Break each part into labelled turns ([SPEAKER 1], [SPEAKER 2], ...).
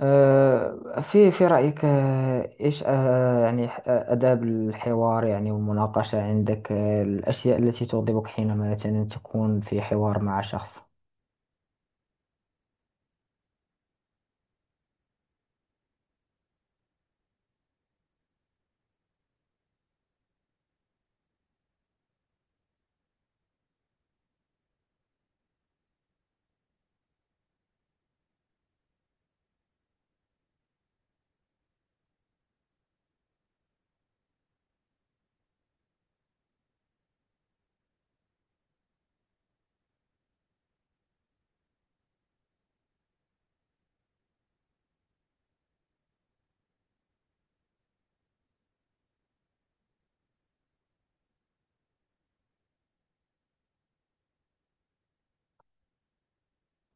[SPEAKER 1] في رأيك إيش يعني آداب الحوار يعني والمناقشة عندك، الأشياء التي تغضبك حينما مثلا تكون في حوار مع شخص.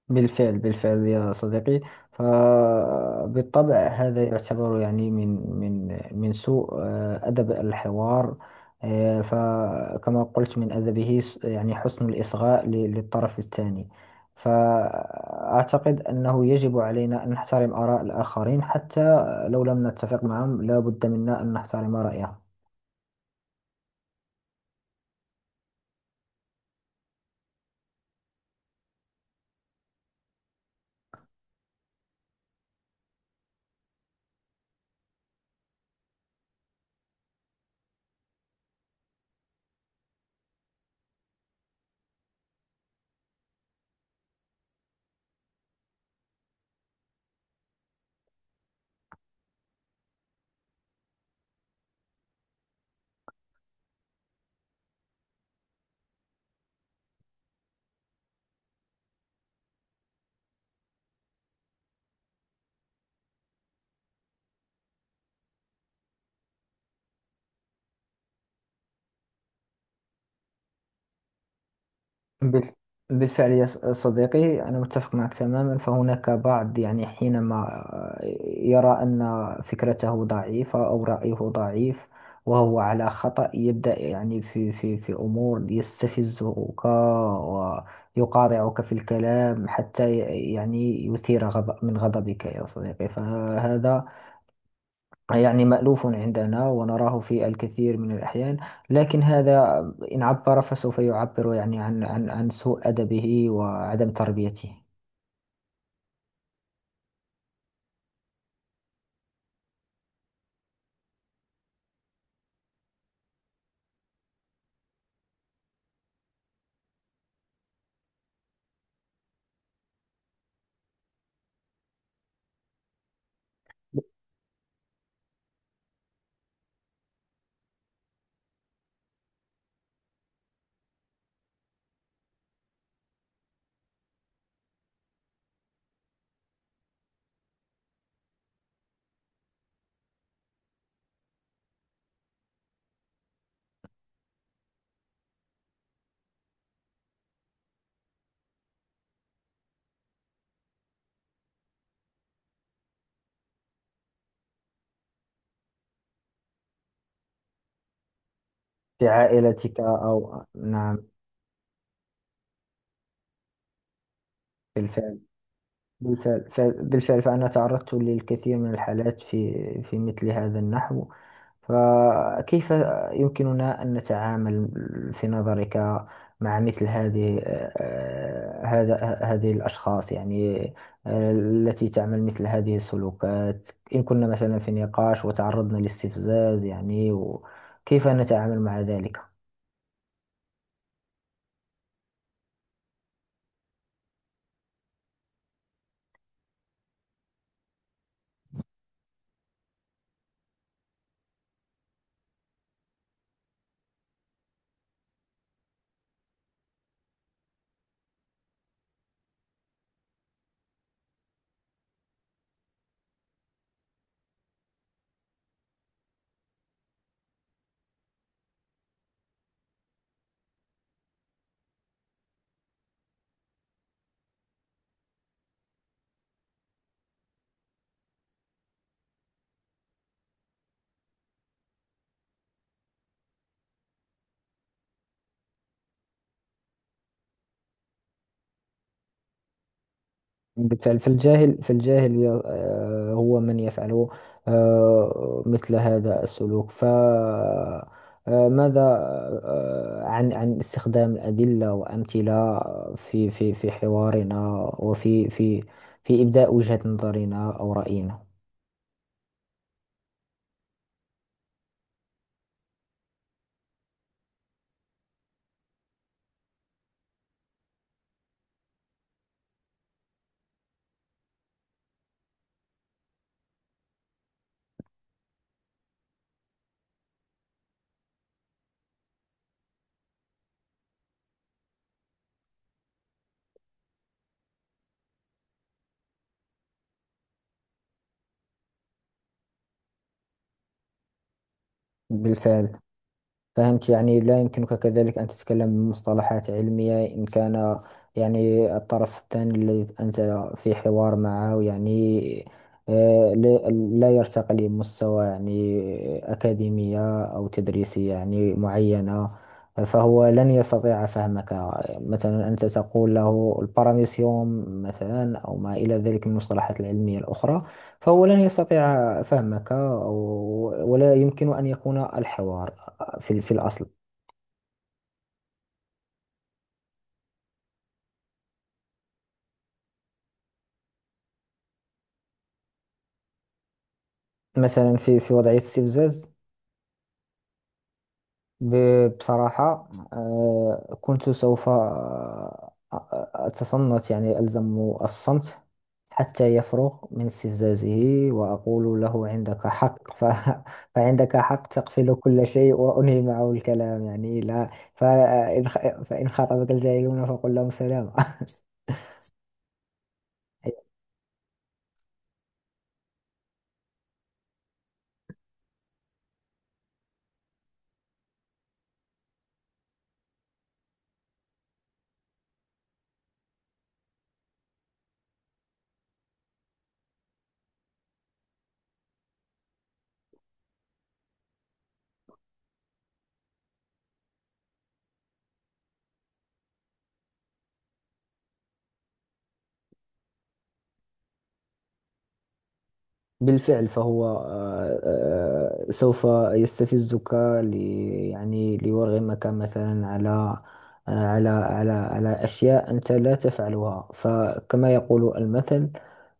[SPEAKER 1] بالفعل، بالفعل يا صديقي. فبالطبع هذا يعتبر يعني من من سوء أدب الحوار. فكما قلت من أدبه يعني حسن الإصغاء للطرف الثاني. فأعتقد أنه يجب علينا أن نحترم آراء الآخرين، حتى لو لم نتفق معهم لا بد منا أن نحترم رأيهم. بال- بالفعل يا صديقي، أنا متفق معك تماما. فهناك بعض، يعني حينما آه، يرى أن فكرته ضعيفة أو رأيه ضعيف وهو على خطأ، يبدأ يعني في في أمور يستفزك ويقاطعك في الكلام حتى يعني يثير غضب غضبك يا صديقي. فهذا يعني مألوف عندنا ونراه في الكثير من الأحيان. لكن هذا إن عبر فسوف يعبر يعني عن عن سوء أدبه وعدم تربيته في عائلتك، أو نعم. بالفعل، بالفعل فأنا تعرضت للكثير من الحالات في مثل هذا النحو. فكيف يمكننا أن نتعامل في نظرك مع مثل هذه الأشخاص، يعني التي تعمل مثل هذه السلوكات؟ إن كنا مثلا في نقاش وتعرضنا لاستفزاز، يعني كيف نتعامل مع ذلك؟ بالفعل. فالجاهل، هو من يفعل مثل هذا السلوك. ف آه، ماذا عن استخدام الأدلة وأمثلة في في حوارنا وفي في إبداء وجهة نظرنا أو رأينا؟ بالفعل، فهمت. يعني لا يمكنك كذلك أن تتكلم بمصطلحات علمية إن كان يعني الطرف الثاني الذي أنت في حوار معه يعني لا، يرتقي لمستوى يعني أكاديمية أو تدريسية يعني معينة، فهو لن يستطيع فهمك. مثلا أنت تقول له الباراميسيوم مثلا أو ما إلى ذلك من المصطلحات العلمية الأخرى، فهو لن يستطيع فهمك. أو ولا يمكن أن يكون الحوار في الأصل. مثلا في وضعية استفزاز، بصراحة كنت سوف أتصنت، يعني ألزم الصمت حتى يفرغ من استفزازه وأقول له عندك حق. ف... فعندك حق، تقفل كل شيء وأنهي معه الكلام. يعني لا، فإن فإن خاطبك الجاهلون فقل لهم سلام. بالفعل، فهو سوف يستفزك ل يعني ليرغمك مثلا على على على أشياء أنت لا تفعلها. فكما يقول المثل،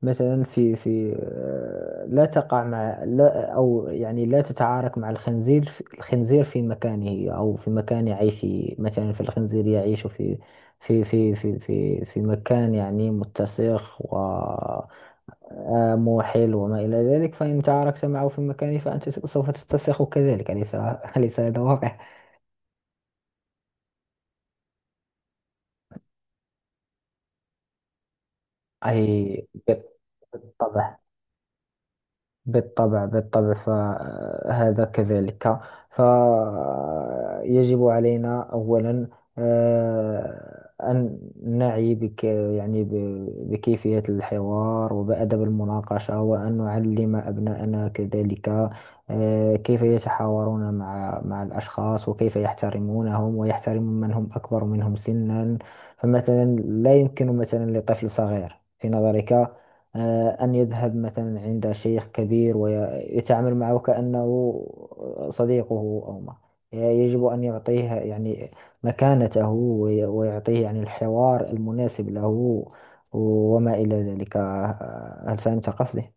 [SPEAKER 1] مثلا في لا تقع مع لا، أو يعني لا تتعارك مع الخنزير في مكانه أو في مكان عيشه. مثلا فالخنزير يعيش في في مكان يعني متسخ، و آم حلو وما إلى ذلك. فإن شعرك سمع في المكان فأنت سوف تتسخ كذلك، أليس هذا واقع؟ أي، بالطبع. بالطبع فهذا كذلك. فيجب علينا أولا أن نعي بك، يعني بكيفية الحوار وبأدب المناقشة، وأن نعلم أبناءنا كذلك كيف يتحاورون مع الأشخاص وكيف يحترمونهم ويحترمون من هم أكبر منهم سنا. فمثلا لا يمكن مثلا لطفل صغير، في نظرك، أن يذهب مثلا عند شيخ كبير ويتعامل معه كأنه صديقه أو ما. يجب أن يعطيه يعني مكانته، ويعطيه يعني الحوار المناسب له وما إلى ذلك. هل فهمت قصدي؟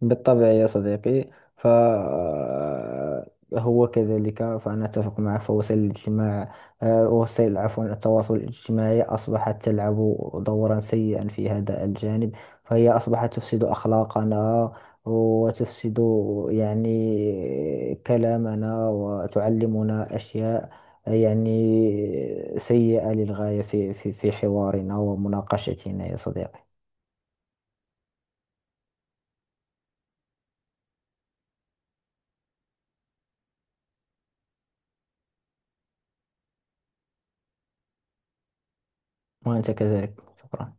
[SPEAKER 1] بالطبع يا صديقي، فهو كذلك. فأنا أتفق معه. فوسائل الاجتماع، وسائل، عفوا، التواصل الاجتماعي أصبحت تلعب دورا سيئا في هذا الجانب. فهي أصبحت تفسد أخلاقنا وتفسد يعني كلامنا، وتعلمنا أشياء يعني سيئة للغاية في في حوارنا ومناقشتنا يا صديقي. وأنت كذلك، شكرا.